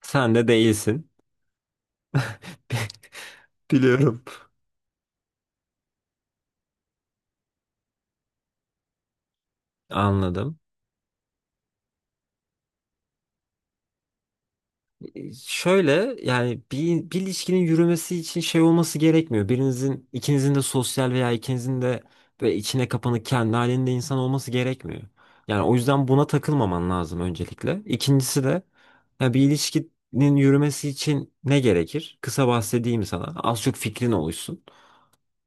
Sen de değilsin. Biliyorum. Anladım. Şöyle yani bir ilişkinin yürümesi için şey olması gerekmiyor. Birinizin, ikinizin de sosyal veya ikinizin de böyle içine kapanık kendi halinde insan olması gerekmiyor. Yani o yüzden buna takılmaman lazım öncelikle. İkincisi de ya bir ilişkinin yürümesi için ne gerekir? Kısa bahsedeyim sana. Az çok fikrin oluşsun.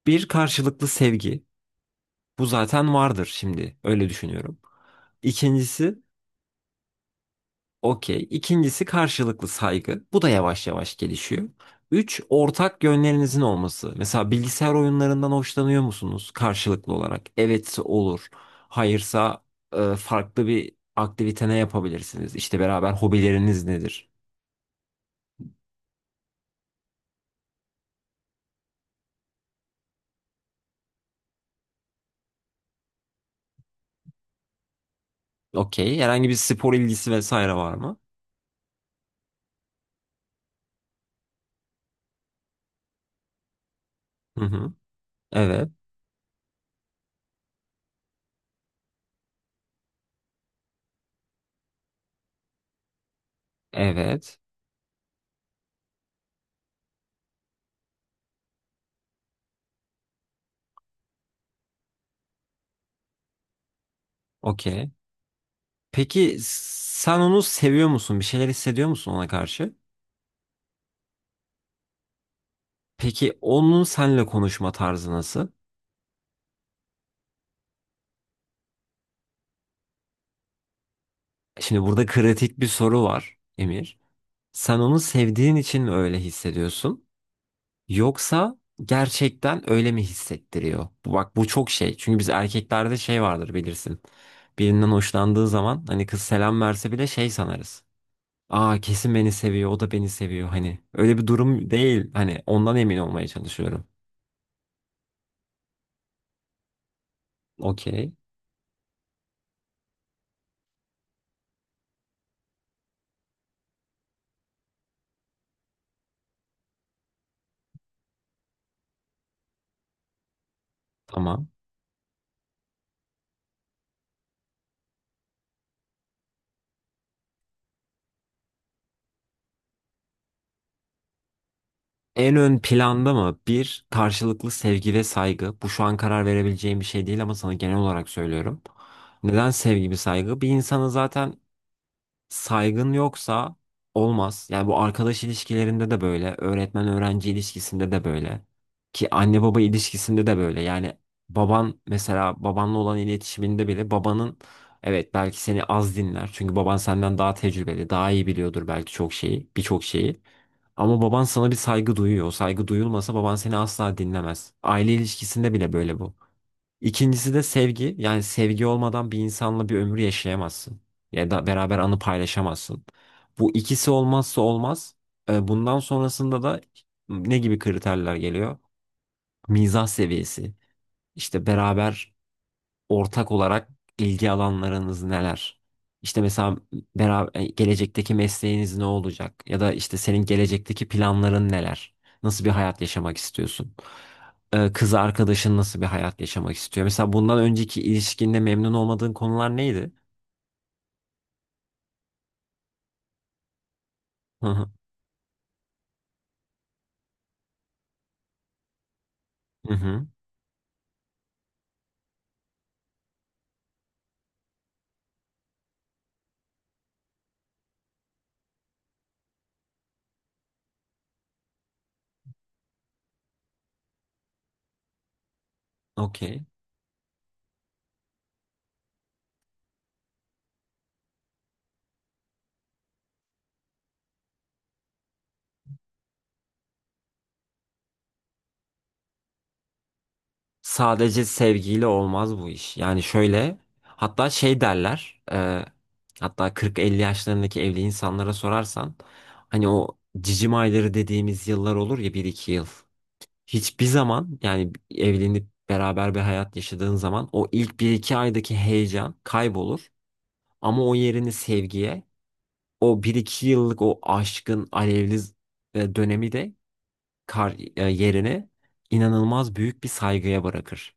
Bir karşılıklı sevgi. Bu zaten vardır şimdi. Öyle düşünüyorum. İkincisi. Okey. İkincisi karşılıklı saygı. Bu da yavaş yavaş gelişiyor. Üç, ortak yönlerinizin olması. Mesela bilgisayar oyunlarından hoşlanıyor musunuz karşılıklı olarak? Evetse olur. Hayırsa farklı bir aktivite ne yapabilirsiniz? İşte beraber hobileriniz nedir? Okey. Herhangi bir spor ilgisi vesaire var mı? Hı hı. Evet. Evet. Okey. Peki sen onu seviyor musun? Bir şeyler hissediyor musun ona karşı? Peki onun seninle konuşma tarzı nasıl? Şimdi burada kritik bir soru var Emir. Sen onu sevdiğin için mi öyle hissediyorsun? Yoksa gerçekten öyle mi hissettiriyor? Bak bu çok şey. Çünkü biz erkeklerde şey vardır bilirsin. Birinden hoşlandığı zaman hani kız selam verse bile şey sanarız. Aa kesin beni seviyor, o da beni seviyor. Hani öyle bir durum değil. Hani ondan emin olmaya çalışıyorum. Okey, tamam. En ön planda mı? Bir, karşılıklı sevgi ve saygı. Bu şu an karar verebileceğim bir şey değil ama sana genel olarak söylüyorum. Neden sevgi ve saygı? Bir insanı zaten saygın yoksa olmaz. Yani bu arkadaş ilişkilerinde de böyle, öğretmen öğrenci ilişkisinde de böyle ki anne baba ilişkisinde de böyle. Yani baban mesela babanla olan iletişiminde bile babanın evet belki seni az dinler. Çünkü baban senden daha tecrübeli, daha iyi biliyordur belki çok şeyi, birçok şeyi. Ama baban sana bir saygı duyuyor. O saygı duyulmasa baban seni asla dinlemez. Aile ilişkisinde bile böyle bu. İkincisi de sevgi. Yani sevgi olmadan bir insanla bir ömür yaşayamazsın. Ya da beraber anı paylaşamazsın. Bu ikisi olmazsa olmaz. Bundan sonrasında da ne gibi kriterler geliyor? Mizah seviyesi. İşte beraber ortak olarak ilgi alanlarınız neler? İşte mesela beraber gelecekteki mesleğiniz ne olacak? Ya da işte senin gelecekteki planların neler? Nasıl bir hayat yaşamak istiyorsun? Kız arkadaşın nasıl bir hayat yaşamak istiyor? Mesela bundan önceki ilişkinde memnun olmadığın konular neydi? Hı hı. Hı hı. Okey. Sadece sevgiyle olmaz bu iş. Yani şöyle hatta şey derler hatta 40-50 yaşlarındaki evli insanlara sorarsan hani o cicim ayları dediğimiz yıllar olur ya bir iki yıl. Hiçbir zaman yani evlenip beraber bir hayat yaşadığın zaman o ilk bir iki aydaki heyecan kaybolur. Ama o yerini sevgiye o bir iki yıllık o aşkın alevli dönemi de yerini inanılmaz büyük bir saygıya bırakır.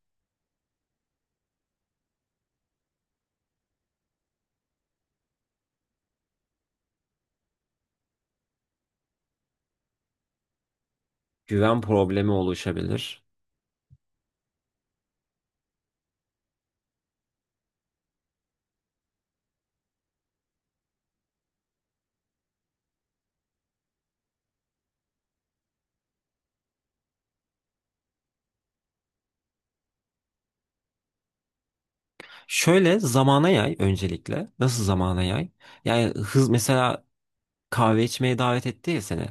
Güven problemi oluşabilir. Şöyle zamana yay öncelikle. Nasıl zamana yay? Yani hız mesela kahve içmeye davet etti ya seni.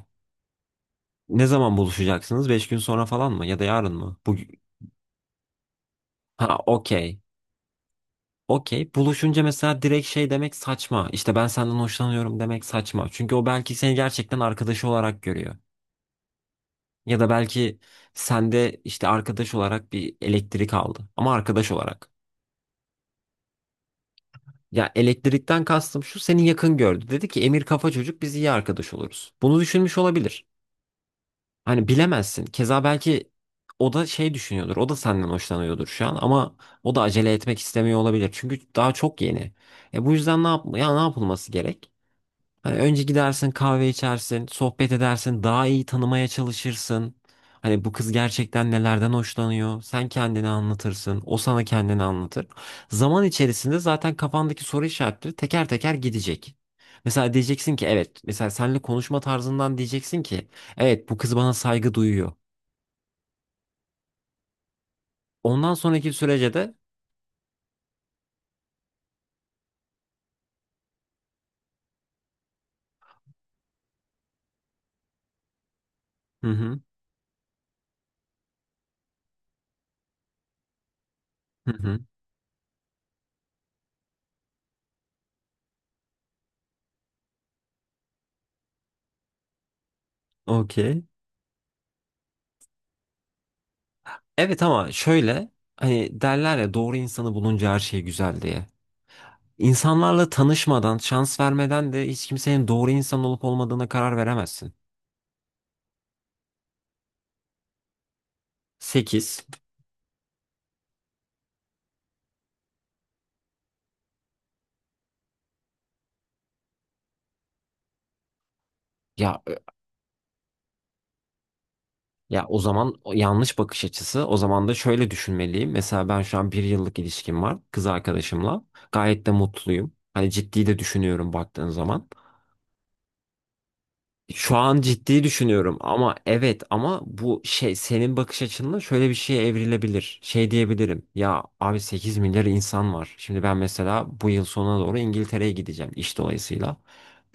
Ne zaman buluşacaksınız? 5 gün sonra falan mı? Ya da yarın mı? Bugün. Ha okey. Okey. Buluşunca mesela direkt şey demek saçma. İşte ben senden hoşlanıyorum demek saçma. Çünkü o belki seni gerçekten arkadaşı olarak görüyor. Ya da belki sende işte arkadaş olarak bir elektrik aldı. Ama arkadaş olarak. Ya elektrikten kastım şu seni yakın gördü. Dedi ki Emir kafa çocuk biz iyi arkadaş oluruz. Bunu düşünmüş olabilir. Hani bilemezsin. Keza belki o da şey düşünüyordur. O da senden hoşlanıyordur şu an ama o da acele etmek istemiyor olabilir. Çünkü daha çok yeni. E bu yüzden ne yap ya ne yapılması gerek? Hani önce gidersin kahve içersin, sohbet edersin, daha iyi tanımaya çalışırsın. Hani bu kız gerçekten nelerden hoşlanıyor? Sen kendini anlatırsın, o sana kendini anlatır. Zaman içerisinde zaten kafandaki soru işaretleri teker teker gidecek. Mesela diyeceksin ki evet, mesela seninle konuşma tarzından diyeceksin ki evet bu kız bana saygı duyuyor. Ondan sonraki sürece de. Hı hı. Hı hı. Okey. Evet ama şöyle hani derler ya doğru insanı bulunca her şey güzel diye. İnsanlarla tanışmadan, şans vermeden de hiç kimsenin doğru insan olup olmadığına karar veremezsin. 8. Ya e, ya o zaman o yanlış bakış açısı. O zaman da şöyle düşünmeliyim. Mesela ben şu an bir yıllık ilişkim var kız arkadaşımla. Gayet de mutluyum. Hani ciddi de düşünüyorum baktığın zaman. Şu an ciddi düşünüyorum ama evet ama bu şey senin bakış açınla şöyle bir şeye evrilebilir. Şey diyebilirim ya abi 8 milyar insan var. Şimdi ben mesela bu yıl sonuna doğru İngiltere'ye gideceğim iş dolayısıyla.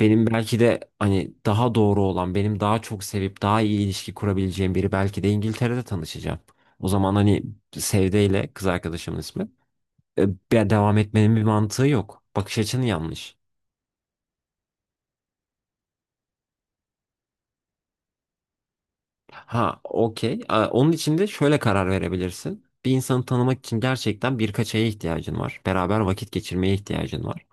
Benim belki de hani daha doğru olan benim daha çok sevip daha iyi ilişki kurabileceğim biri belki de İngiltere'de tanışacağım. O zaman hani Sevde ile kız arkadaşımın ismi. Devam etmenin bir mantığı yok. Bakış açın yanlış. Ha, okey. Onun için de şöyle karar verebilirsin. Bir insanı tanımak için gerçekten birkaç aya ihtiyacın var. Beraber vakit geçirmeye ihtiyacın var.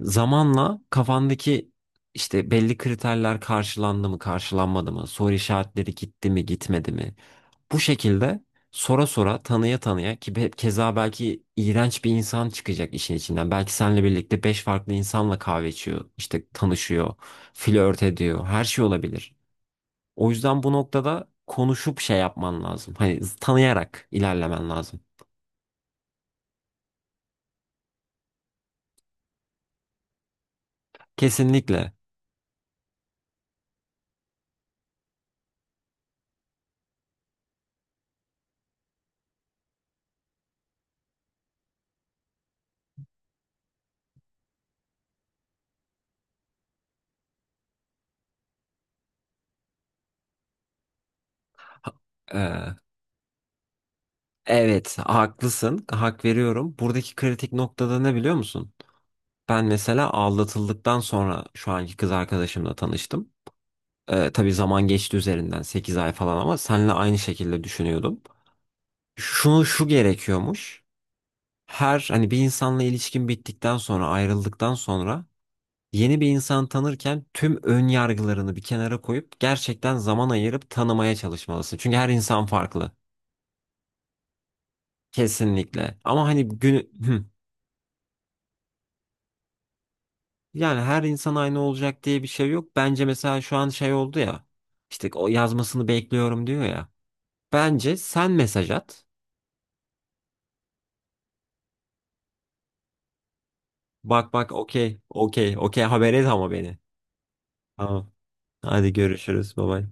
Zamanla kafandaki işte belli kriterler karşılandı mı, karşılanmadı mı, soru işaretleri gitti mi, gitmedi mi? Bu şekilde sora sora, tanıya tanıya ki keza belki iğrenç bir insan çıkacak işin içinden. Belki seninle birlikte beş farklı insanla kahve içiyor, işte tanışıyor, flört ediyor, her şey olabilir. O yüzden bu noktada konuşup şey yapman lazım. Hani tanıyarak ilerlemen lazım. Kesinlikle. Ha- eee, evet, haklısın. Hak veriyorum. Buradaki kritik noktada ne biliyor musun? Ben mesela aldatıldıktan sonra şu anki kız arkadaşımla tanıştım. Tabii zaman geçti üzerinden 8 ay falan ama seninle aynı şekilde düşünüyordum. Şunu şu gerekiyormuş. Her hani bir insanla ilişkin bittikten sonra ayrıldıktan sonra yeni bir insan tanırken tüm ön yargılarını bir kenara koyup gerçekten zaman ayırıp tanımaya çalışmalısın. Çünkü her insan farklı. Kesinlikle. Ama hani günü. Hı. Yani her insan aynı olacak diye bir şey yok. Bence mesela şu an şey oldu ya. İşte o yazmasını bekliyorum diyor ya. Bence sen mesaj at. Bak bak okey okey okey haber et ama beni. Tamam. Hadi görüşürüz. Bye bye.